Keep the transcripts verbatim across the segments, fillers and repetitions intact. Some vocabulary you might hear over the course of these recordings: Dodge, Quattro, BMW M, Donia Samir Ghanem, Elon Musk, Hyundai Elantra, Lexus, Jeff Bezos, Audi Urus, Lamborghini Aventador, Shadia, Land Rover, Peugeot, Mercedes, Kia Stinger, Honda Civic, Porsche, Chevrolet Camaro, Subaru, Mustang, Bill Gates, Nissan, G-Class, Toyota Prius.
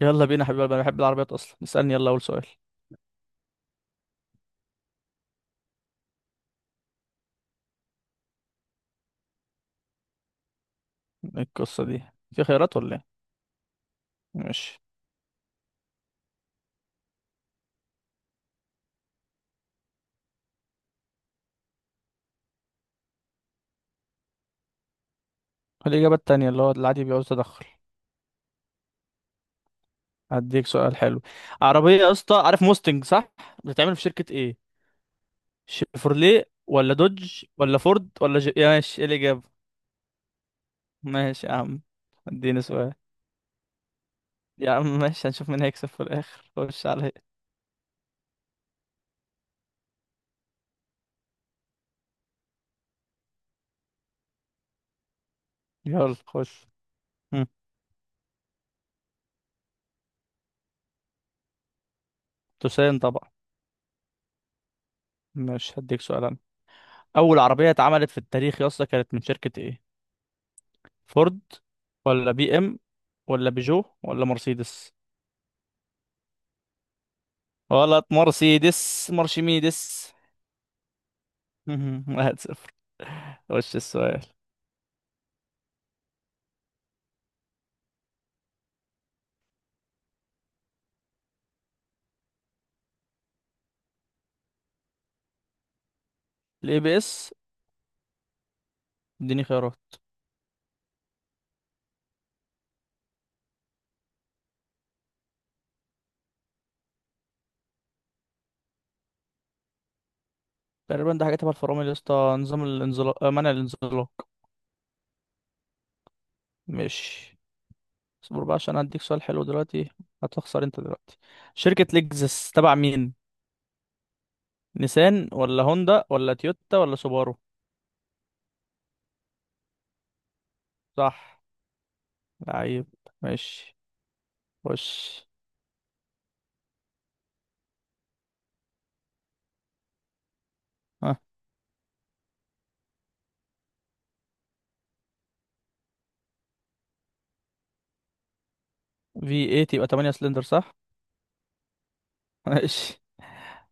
يلا بينا يا حبيبي قلبي، انا بحب العربيات اصلا. اسالني يلا اول سؤال. إيه القصه دي؟ في خيارات ولا ايه؟ ماشي. الاجابه التانية اللي هو العادي بيعوز تدخل. هديك سؤال حلو. عربيه يا اسطى، عارف موستنج صح؟ بتتعمل في شركه ايه؟ شيفروليه ولا دوج ولا فورد ولا جي؟ يا ماشي ايه الاجابه؟ ماشي يا عم. اديني سؤال. يا عم ماشي، هنشوف مين هيكسب في الاخر. خش عليا. يلا خش. هم، تسالني طبعا. ماشي هديك سؤال انا. اول عربيه اتعملت في التاريخ يا اسطى كانت من شركه ايه؟ فورد ولا بي ام ولا بيجو ولا مرسيدس؟ غلط، مرسيدس مرشميدس. واحد صفر. وش السؤال؟ الاي بي اس؟ اديني خيارات. تقريبا ده حاجه تبع الفرامل يا اسطى، نظام الانزلاق، آه، منع الانزلاق. مش؟ اصبر بقى عشان هديك سؤال حلو دلوقتي. هتخسر انت دلوقتي. شركه لexus تبع مين؟ نيسان ولا هوندا ولا تويوتا ولا سوبارو؟ صح، لعيب. ماشي خش. ها، في تمانية يبقى تمانية سلندر صح؟ ماشي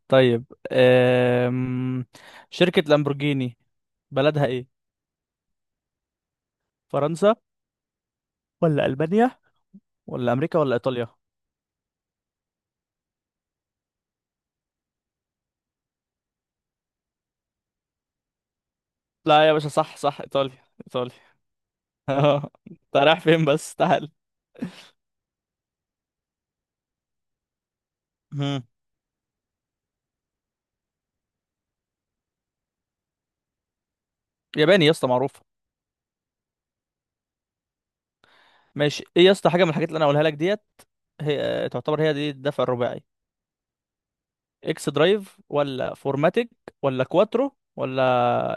طيب. أم... شركة لامبورجيني بلدها ايه؟ فرنسا ولا ألبانيا ولا أمريكا ولا إيطاليا؟ لا يا باشا، صح صح، إيطاليا إيطاليا. اه انت رايح فين بس؟ تعال. مم. ياباني يا اسطى معروفة. ماشي، ايه يا اسطى حاجة من الحاجات اللي انا هقولها لك ديت هي تعتبر هي دي الدفع الرباعي؟ اكس درايف ولا فورماتيك ولا كواترو ولا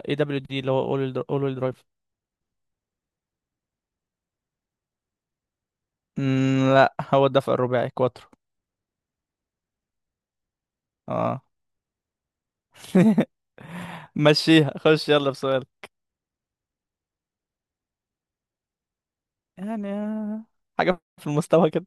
اي دبليو دي اللي هو اول درايف؟ مم، لا، هو الدفع الرباعي كواترو. اه. مشيها. خش يلا بسؤال. يعني آه، حاجة في المستوى كده.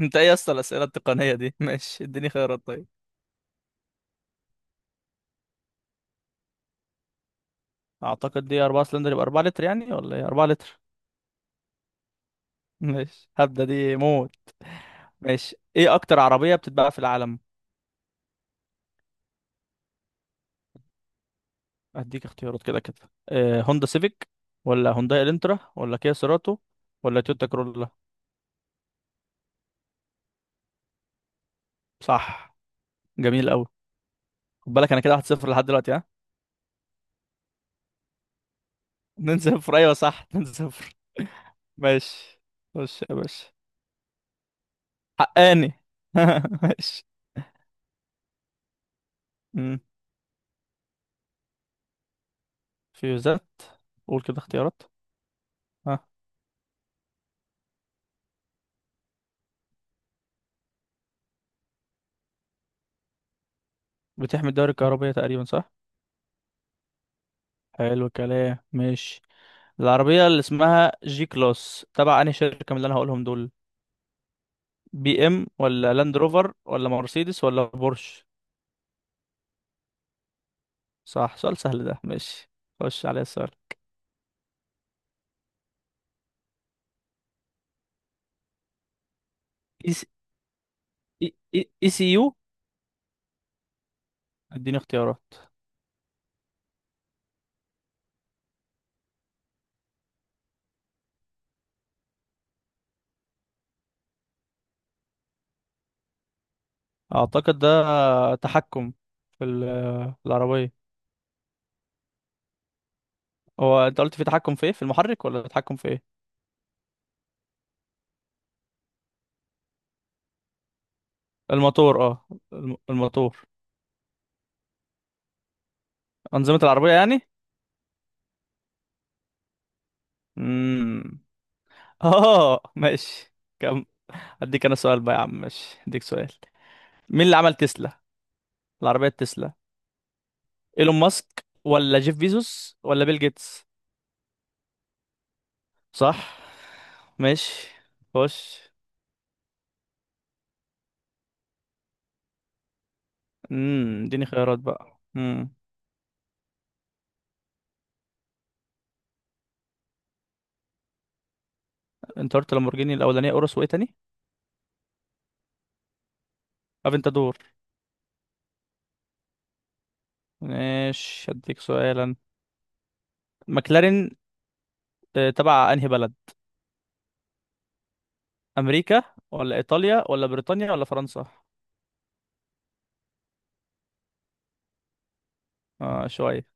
انت ايه يا اسطى الأسئلة التقنية دي؟ ماشي اديني خيارات طيب. اعتقد دي اربعة سلندر يبقى اربعة لتر يعني، ولا ايه؟ اربعة لتر. ماشي هبدأ دي موت. ماشي، ايه اكتر عربية بتتباع في العالم؟ اديك اختيارات كده كده، إيه؟ هوندا سيفيك ولا هونداي الانترا ولا كيا سيراتو ولا تويوتا كرولا؟ صح، جميل قوي. خد بالك انا كده واحد صفر لحد دلوقتي، ها. اتنين صفر ايوه صح اتنين صفر. ماشي. خش يا باشا. حقاني. ماشي. مم. فيوزات. قول كده اختيارات. ها. بتحمي الدوائر الكهربية تقريبا، صح. حلو الكلام، ماشي. العربية اللي اسمها جي كلاس تبع أنهي شركة من اللي أنا هقولهم دول؟ بي إم ولا لاند روفر ولا مرسيدس ولا بورش؟ صح، سؤال سهل ده، ماشي. خش عليا السؤال. اي سي اي اي إي سي يو. اديني اختيارات. اعتقد ده تحكم في ال- في العربية. هو انت قلت في تحكم في ايه؟ في المحرك ولا تحكم في ايه؟ الموتور، اه، الم- الموتور. أنظمة العربية يعني. امم اه ماشي. كم. اديك انا سؤال بقى يا عم، ماشي اديك سؤال. مين اللي عمل تسلا، العربية تسلا؟ ايلون ماسك ولا جيف بيزوس ولا بيل جيتس؟ صح، ماشي، خش. امم اديني خيارات بقى. امم انت قلت لامبورجيني الاولانية اورس، وايه تاني؟ افنتادور. ماشي اديك سؤالا. ماكلارين آه، تبع انهي بلد؟ امريكا ولا ايطاليا ولا بريطانيا ولا فرنسا؟ اه شوية.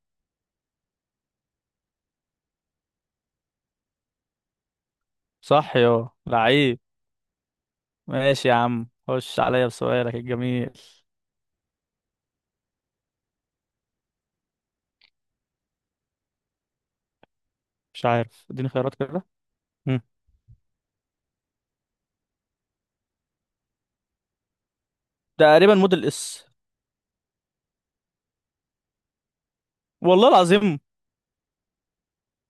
صح، يو لعيب. ماشي يا عم، خش عليا بسؤالك الجميل. مش عارف اديني خيارات كده. مم. تقريبا موديل اس. والله العظيم.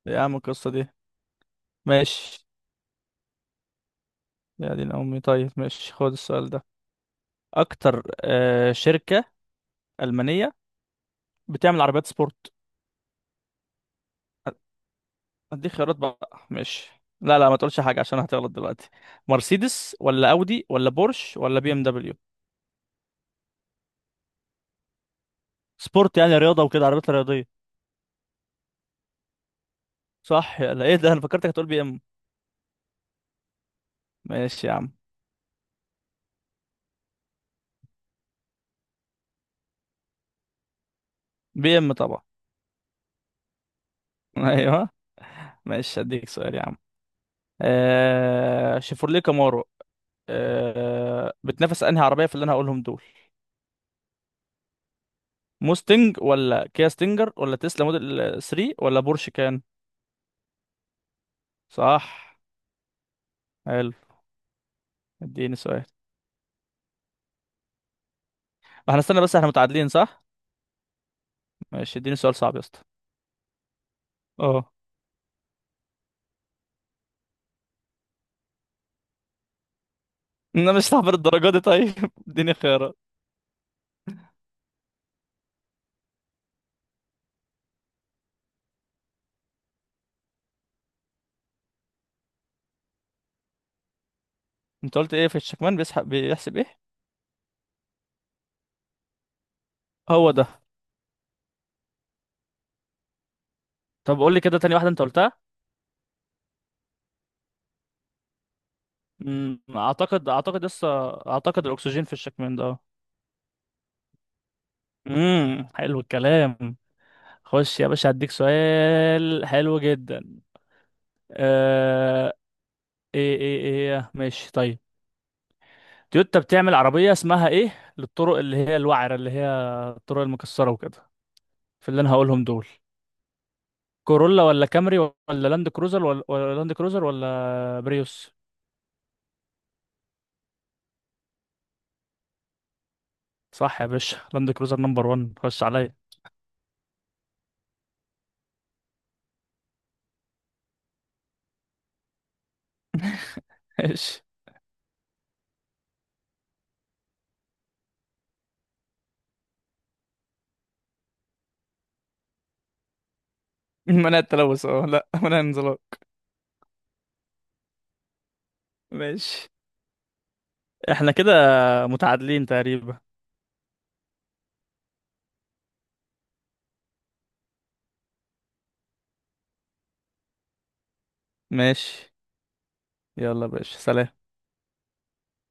يا عم القصة دي. ماشي. يا دين امي، طيب ماشي خد السؤال ده. اكتر آه شركة ألمانية بتعمل عربيات سبورت؟ اديك خيارات بقى ماشي. لا لا ما تقولش حاجة عشان هتغلط دلوقتي. مرسيدس ولا اودي ولا بورش ولا بي ام دبليو؟ سبورت يعني رياضة وكده، عربيات رياضية. صح، يلا ايه ده، انا فكرتك هتقول بي ام. ماشي يا عم. بي ام طبعا. ايوه. ماشي هديك سؤال يا عم. آه شيفروليه كامارو آه بتنافس انهي عربيه في اللي انا هقولهم دول؟ موستنج ولا كيا ستينجر ولا تسلا موديل تلاتة ولا بورش كان؟ صح، حلو. اديني سؤال. احنا استنى بس، احنا متعادلين صح؟ ماشي اديني سؤال صعب يا اسطى. اه. انا مش هعبر الدرجه دي طيب. اديني خيارات. انت قلت ايه في الشكمان؟ بيسحب بيحسب ايه؟ هو ده. طب قول لي كده تاني واحده انت قلتها. مم، اعتقد اعتقد لسه. اعتقد الاكسجين في الشكمان ده. امم حلو الكلام. خش يا باشا هديك سؤال حلو جدا. آه... ايه ايه ايه إيه. ماشي طيب. تويوتا بتعمل عربية اسمها ايه للطرق اللي هي الوعرة، اللي هي الطرق المكسرة وكده، في اللي انا هقولهم دول؟ كورولا ولا كامري ولا لاند كروزر ولا, ولا لاند كروزر ولا بريوس؟ صح يا باشا، لاند كروزر نمبر واحد، خش عليا. ماشي. منع التلوث، اه لا منع الانزلاق. ماشي احنا كده متعادلين تقريبا. ماشي، يلا يا باشا، سلام.